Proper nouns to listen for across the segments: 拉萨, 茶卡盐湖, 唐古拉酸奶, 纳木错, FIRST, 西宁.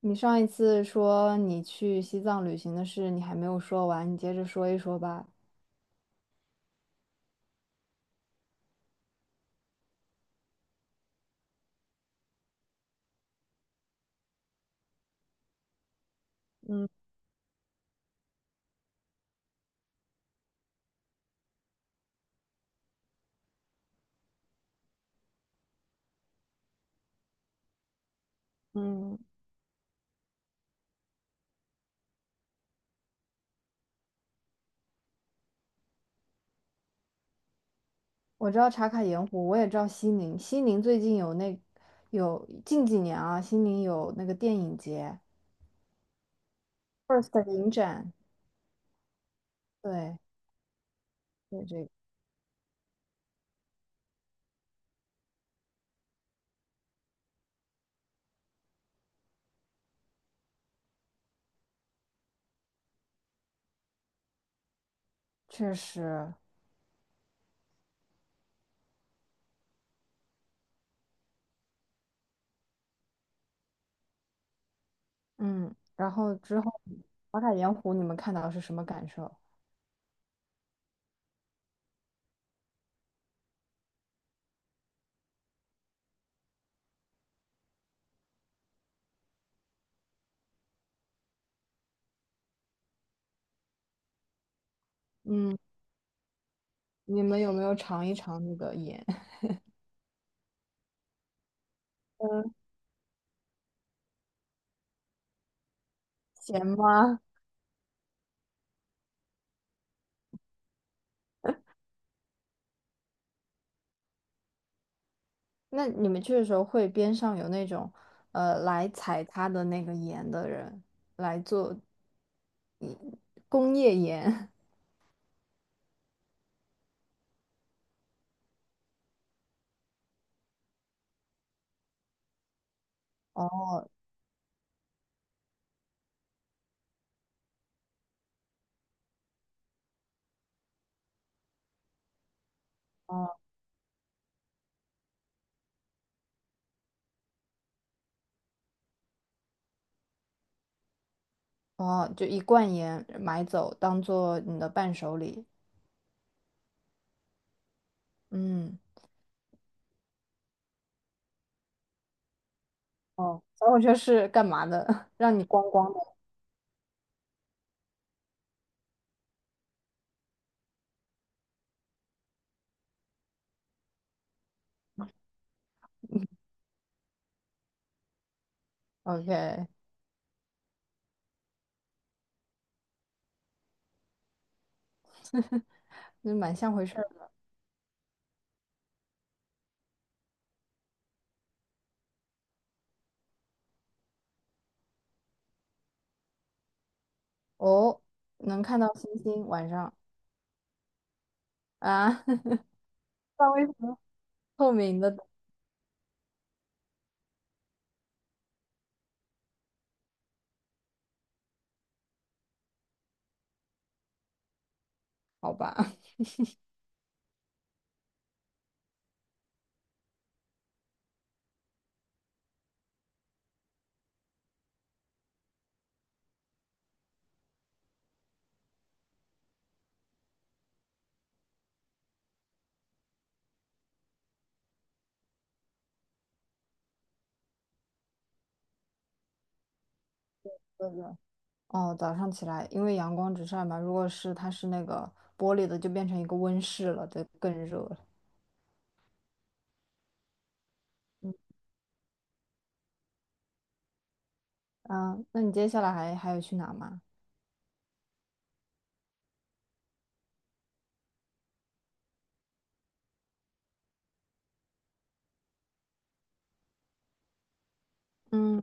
你上一次说你去西藏旅行的事，你还没有说完，你接着说一说吧。嗯，我知道茶卡盐湖，我也知道西宁。西宁最近有近几年啊，西宁有那个电影节，FIRST 的影展，对对这个确实，嗯。然后之后，茶卡盐湖你们看到是什么感受？嗯，你们有没有尝一尝那个盐？嗯，咸吗？那你们去的时候会边上有那种来采它的那个盐的人来做工业盐？哦哦哦，就一罐盐买走当做你的伴手礼。嗯，哦，所以我就是干嘛的？让你光光的。OK，那蛮像回事儿的。哦，能看到星星晚上啊？那为什么透明的？好吧，对的。哦，早上起来，因为阳光直晒嘛，如果是它是那个玻璃的，就变成一个温室了，就更热了。嗯，啊，那你接下来还有去哪吗？嗯，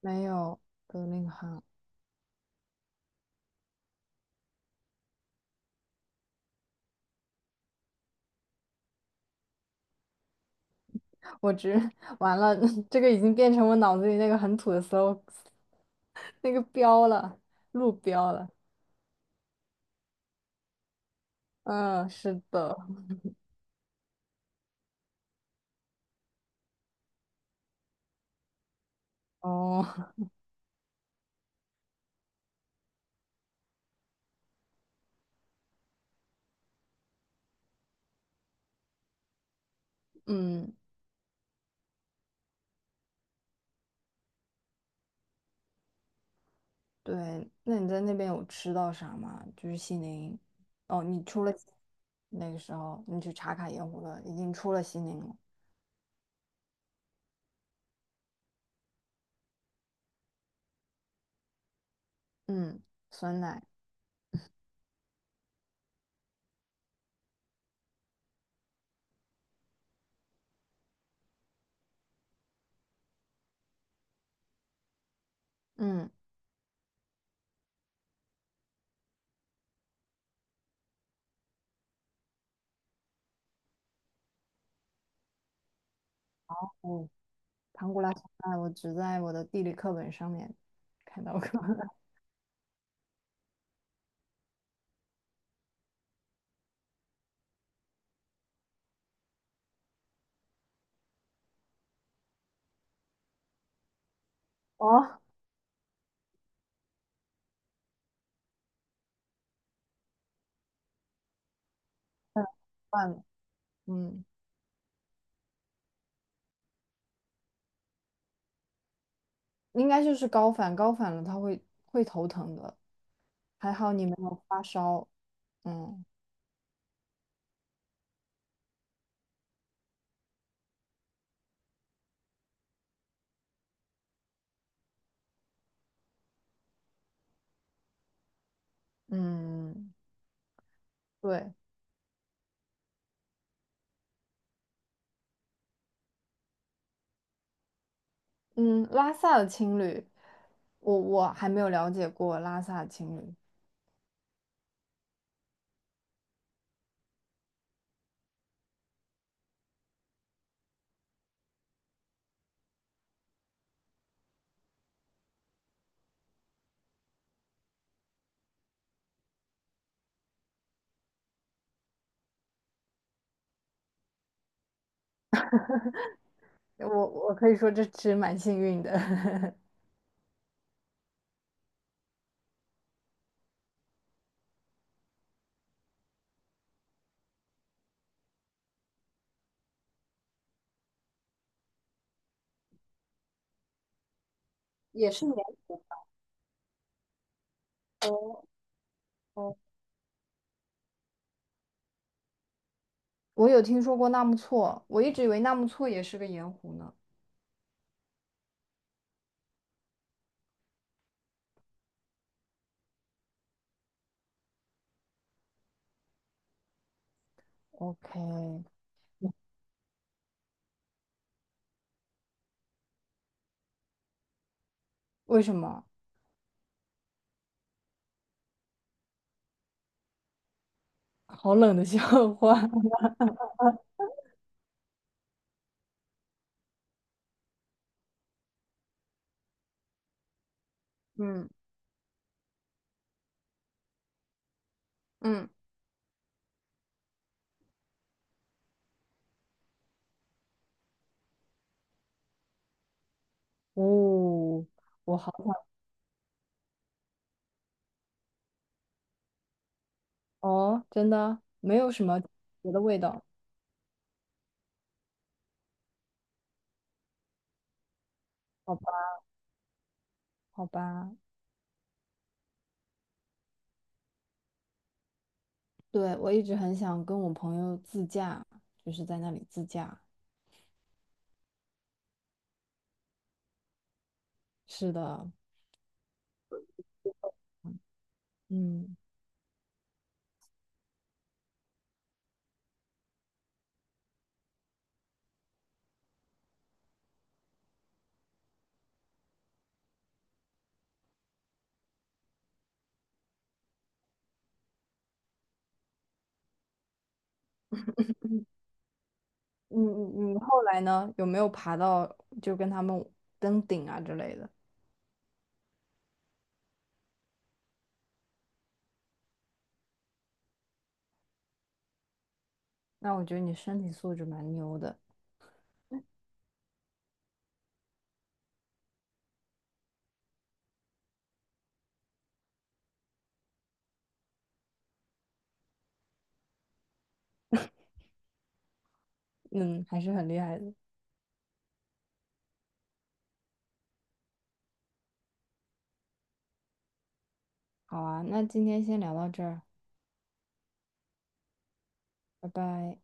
没有那个哈，我只 完了，这个已经变成我脑子里那个很土的 slogan 那个标了，路标了。嗯，是的。哦，嗯，对，那你在那边有吃到啥吗？就是西宁，哦，你出了西那个时候，你去茶卡盐湖了，已经出了西宁了。嗯，酸奶，嗯，哦，唐古拉酸奶，我只在我的地理课本上面看到过。哦，嗯，算了，嗯，应该就是高反，高反了他会头疼的，还好你没有发烧。嗯嗯，对，嗯，拉萨的青旅，我还没有了解过拉萨的青旅，我可以说这是蛮幸运的。也是年轻哦哦。我有听说过纳木错，我一直以为纳木错也是个盐湖呢。OK，为什么？好冷的笑话。嗯，嗯，哦，我好想哦，真的没有什么别的味道，好吧，好吧。对，我一直很想跟我朋友自驾，就是在那里自驾。是的，嗯，嗯嗯，你后来呢？有没有爬到就跟他们登顶啊之类的？那我觉得你身体素质蛮牛的。嗯，还是很厉害的。好啊，那今天先聊到这儿，拜拜。